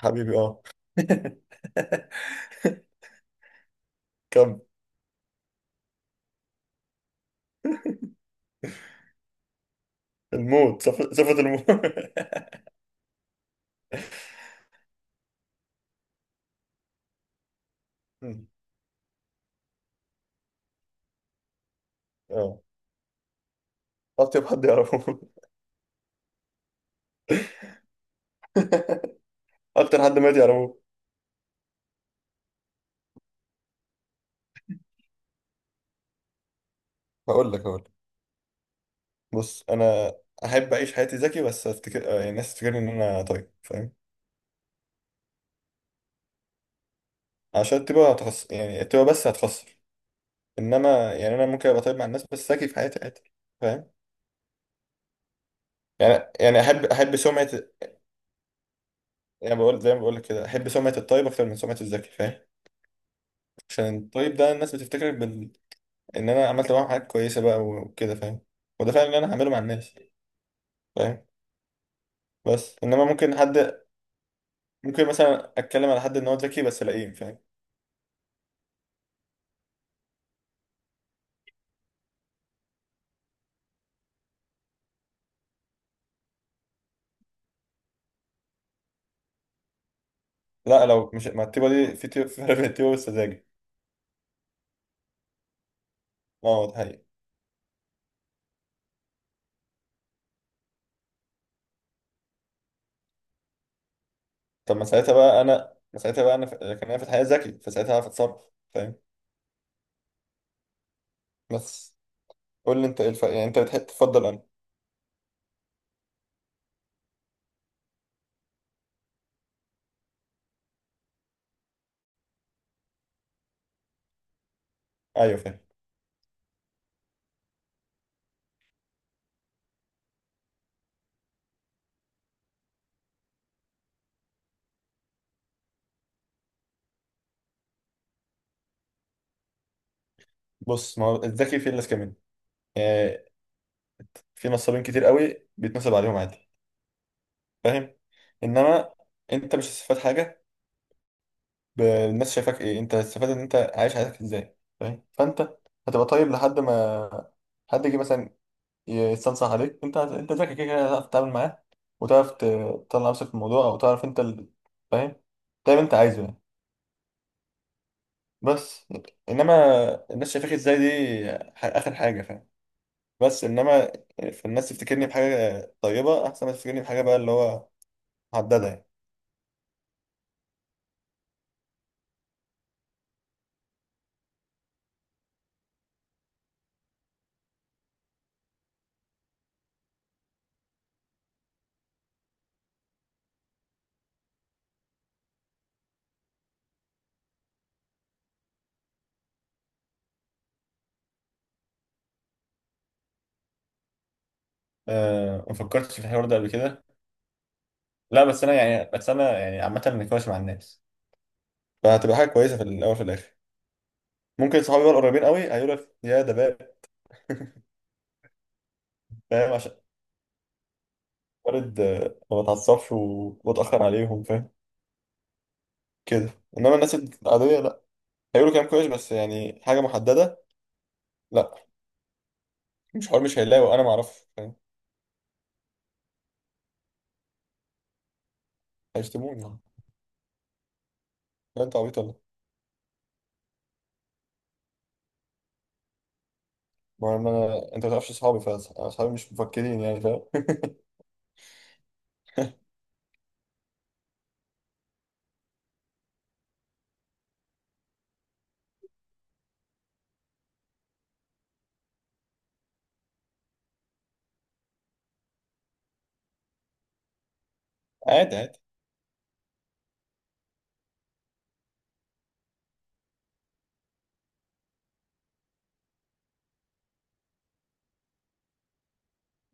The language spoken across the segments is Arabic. حبيبي اه. كم؟ الموت. صفة الموت. اه، اطيب حد يعرفه. اكتر حد مات يعرفه. هقول لك. بص، انا احب اعيش حياتي ذكي، بس افتكر يعني الناس تفتكرني ان انا طيب، فاهم؟ عشان تبقى هتخسر، يعني التبقى بس هتخسر. انما يعني انا ممكن ابقى طيب مع الناس، بس ذكي في حياتي عادي، فاهم؟ يعني احب سمعه. يعني بقول زي ما بقول لك كده، احب سمعه الطيب اكتر من سمعه الذكي، فاهم؟ عشان الطيب ده الناس بتفتكرك ان انا عملت معاهم حاجات كويسه بقى وكده، فاهم؟ وده فعلا اللي انا هعمله مع الناس، فاهم؟ بس انما ممكن حد، ممكن مثلا اتكلم على حد ان هو ذكي بس لئيم، فاهم؟ لا، لو مش ما التيبه دي، في تيبه، في فرق بين التيبه والسذاجه. اه ده حقيقي. طب ما ساعتها بقى انا، ما ساعتها بقى انا لكن انا في الحقيقه ذكي، فساعتها هعرف اتصرف، فاهم؟ بس قول لي انت ايه يعني انت بتحب تفضل انا. ايوه فاهم. بص، ما هو الذكي في الناس كمان، يعني في نصابين كتير قوي بيتنصب عليهم عادي، فاهم؟ انما انت مش هتستفاد حاجه. الناس شايفاك ايه، انت هتستفاد ان انت عايش حياتك ازاي، فاهم؟ فانت هتبقى طيب لحد ما حد يجي مثلا يستنصح عليك، انت ذكي كده كده هتعرف تتعامل معاه، وتعرف تطلع نفسك في الموضوع، او تعرف انت فاهم؟ تعمل انت عايزه يعني. بس انما الناس شايفاك ازاي دي اخر حاجه، فاهم؟ بس انما في الناس تفتكرني بحاجه طيبه احسن ما تفتكرني بحاجه بقى اللي هو محدده يعني. أه، ما فكرتش في الحوار ده قبل كده. لا بس انا يعني، بس انا يعني عامه نقاش مع الناس، فهتبقى حاجه كويسه في الاول في الاخر. ممكن صحابي بقى القريبين قوي هيقول لك يا ده باب. فاهم؟ عشان وارد ما بتعصبش واتاخر عليهم، فاهم؟ كده. انما الناس العاديه لا، هيقولوا كلام كويس بس يعني حاجه محدده. لا، مش حوار، مش هيلاقوا، انا ما اعرفش، فاهم؟ هيشتموني يعني. لا انت عبيط ولا إيه؟ ما انا انت ما تعرفش اصحابي، فاصحابي مش مفكرين يعني، فاهم؟ عادي عادي.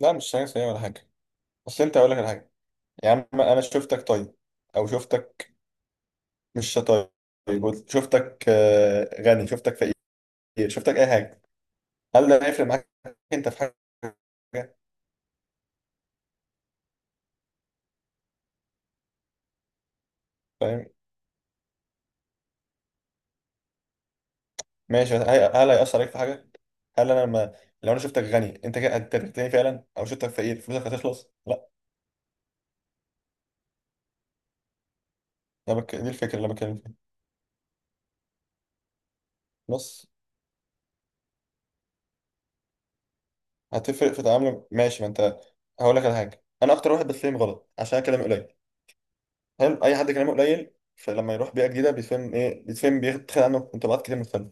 لا مش حاجه سيئه ولا حاجه. بس انت هقول لك على حاجه. يا عم انا شفتك طيب، او شفتك مش طيب، شفتك غني، شفتك فقير، شفتك اي حاجه، هل ده هيفرق معاك؟ انت في حاجه، فاهم؟ ماشي بس هل هيأثر عليك في حاجه؟ هل انا لما، لو انا شفتك غني انت كده هتغني فعلا، او شفتك فقير فلوسك هتخلص؟ لا. دي الفكره اللي بتكلم فيها. بص، هتفرق في تعاملك ماشي، ما انت، هقول لك على حاجه، انا اكتر واحد بتفهم غلط عشان أنا كلامي قليل. حلو، اي حد كلامه قليل فلما يروح بيئه جديده بيتفهم ايه، بيتفهم بيتخيل عنه انطباعات كتير مختلفه.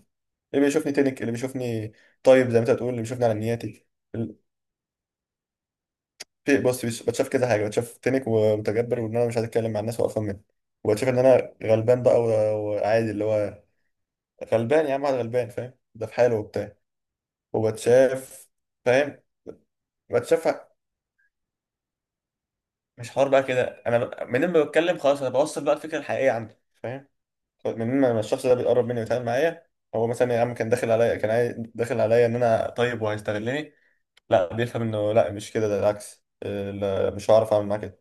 اللي بيشوفني تنك، اللي بيشوفني طيب زي ما انت بتقول، اللي بيشوفني على نياتي. في بص بتشاف كذا حاجه، بتشاف تنك ومتجبر وان انا مش عايز اتكلم مع الناس وقرفان منهم، وبتشاف ان انا غلبان بقى وعادي اللي هو غلبان. يا عم واحد غلبان، فاهم؟ ده في حاله وبتاع. وبتشاف، فاهم؟ بتشاف مش حوار بقى كده. منين ما بتكلم خلاص انا بوصل بقى الفكره الحقيقيه عندي، فاهم؟ منين ما الشخص ده بيقرب مني ويتعامل معايا، هو مثلا يا عم كان داخل عليا، داخل عليا ان انا طيب وهيستغلني، لا بيفهم انه لا مش كده ده العكس. لا، مش هعرف اعمل معاه كده.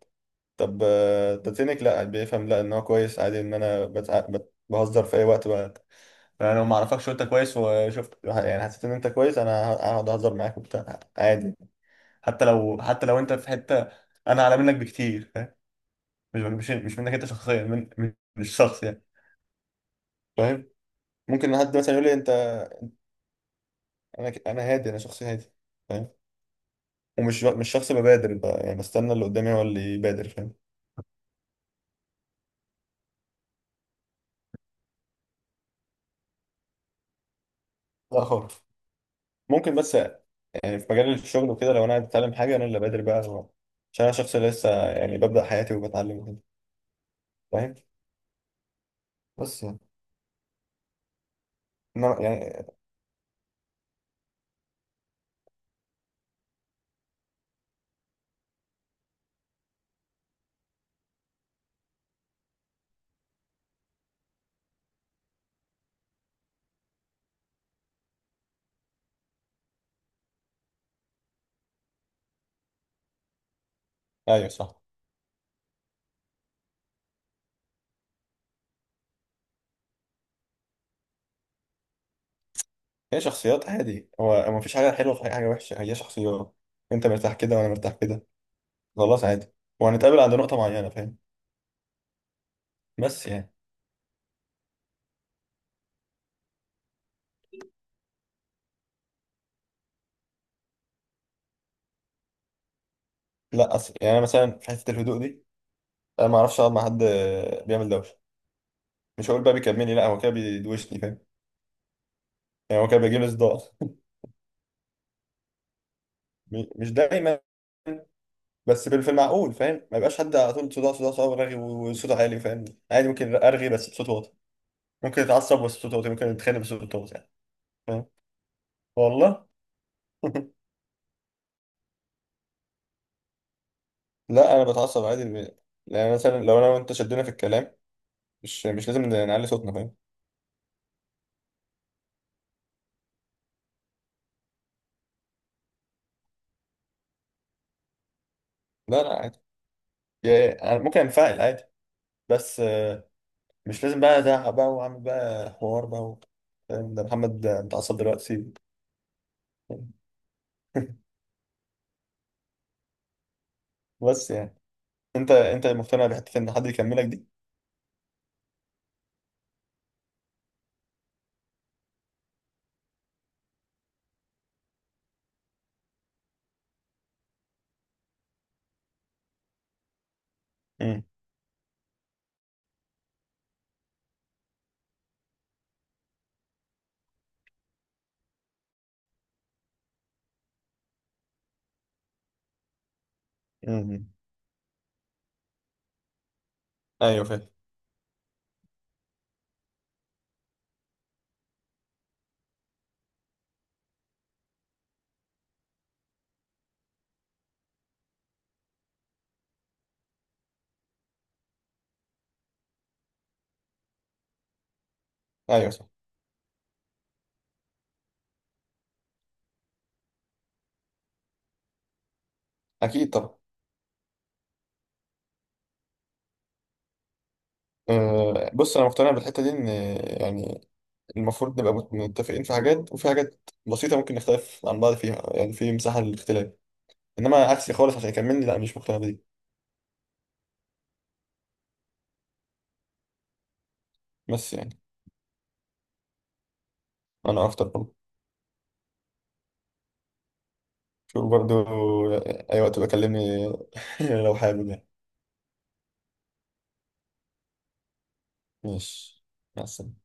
طب تاتينك، لا بيفهم لا ان هو كويس عادي، ان انا بهزر في اي وقت بقى. انا لو ما اعرفكش وانت كويس، وشفت يعني حسيت ان انت كويس، انا هقعد اهزر معاك وبتاع عادي. حتى لو حتى لو انت في حته انا اعلى منك بكتير، فاهم؟ مش مش منك انت شخصيا، من الشخص يعني، فاهم؟ ممكن حد مثلا يقول لي انت، انا هادي، انا شخص هادي، فاهم؟ ومش، مش شخص ببادر بقى، يعني بستنى اللي قدامي هو اللي يبادر، فاهم؟ لا خالص. ممكن بس يعني في مجال الشغل وكده لو انا عايز اتعلم حاجه انا اللي بادر بقى هو، عشان انا شخص لسه يعني ببدا حياتي وبتعلم وكده، فاهم؟ بس يعني، إنما يعني، ايوه صح. هي شخصيات عادي، هو هو مفيش حاجه حلوه في أي حاجه وحشه، هي شخصيات. انت مرتاح كده وانا مرتاح كده، خلاص عادي، وهنتقابل عند نقطه معينه، فاهم؟ بس يعني، لا أصل يعني انا مثلا في حته الهدوء دي انا ما اعرفش اقعد مع حد بيعمل دوشه. مش هقول بقى بيكلمني، لا، هو كده بيدوشني، فاهم؟ يعني هو كده بيجيب لي صداع. مش دايما، بس في المعقول، فاهم؟ ما يبقاش حد على طول صداع صداع صداع رغي وصوته عالي، فاهم؟ عادي ممكن ارغي بس بصوت واطي، ممكن اتعصب بس بصوت واطي، ممكن اتخانق بس بصوت واطي يعني، فاهم؟ والله. لا انا بتعصب عادي يعني مثلا لو انا وانت شدينا في الكلام، مش لازم نعلي صوتنا، فاهم؟ لا لا عادي، يعني أنا ممكن انفعل عادي، بس مش لازم بقى ازعق بقى واعمل بقى حوار بقى. فاهم؟ ده محمد متعصب دلوقتي. بس يعني، انت مقتنع بحته ان حد يكملك دي؟ امم، امم، ايوه فاهم. ايوه صح، اكيد طبعا. أه بص، انا مقتنع بالحته دي ان يعني المفروض نبقى متفقين في حاجات، وفي حاجات بسيطه ممكن نختلف عن بعض فيها، يعني في مساحه للاختلاف. انما عكسي خالص عشان يكملني، لا مش مقتنع بدي. بس يعني انا اكتر برضه، شوف برضه، اي وقت بكلمني. لو حابب يعني. ماشي، مع السلامه.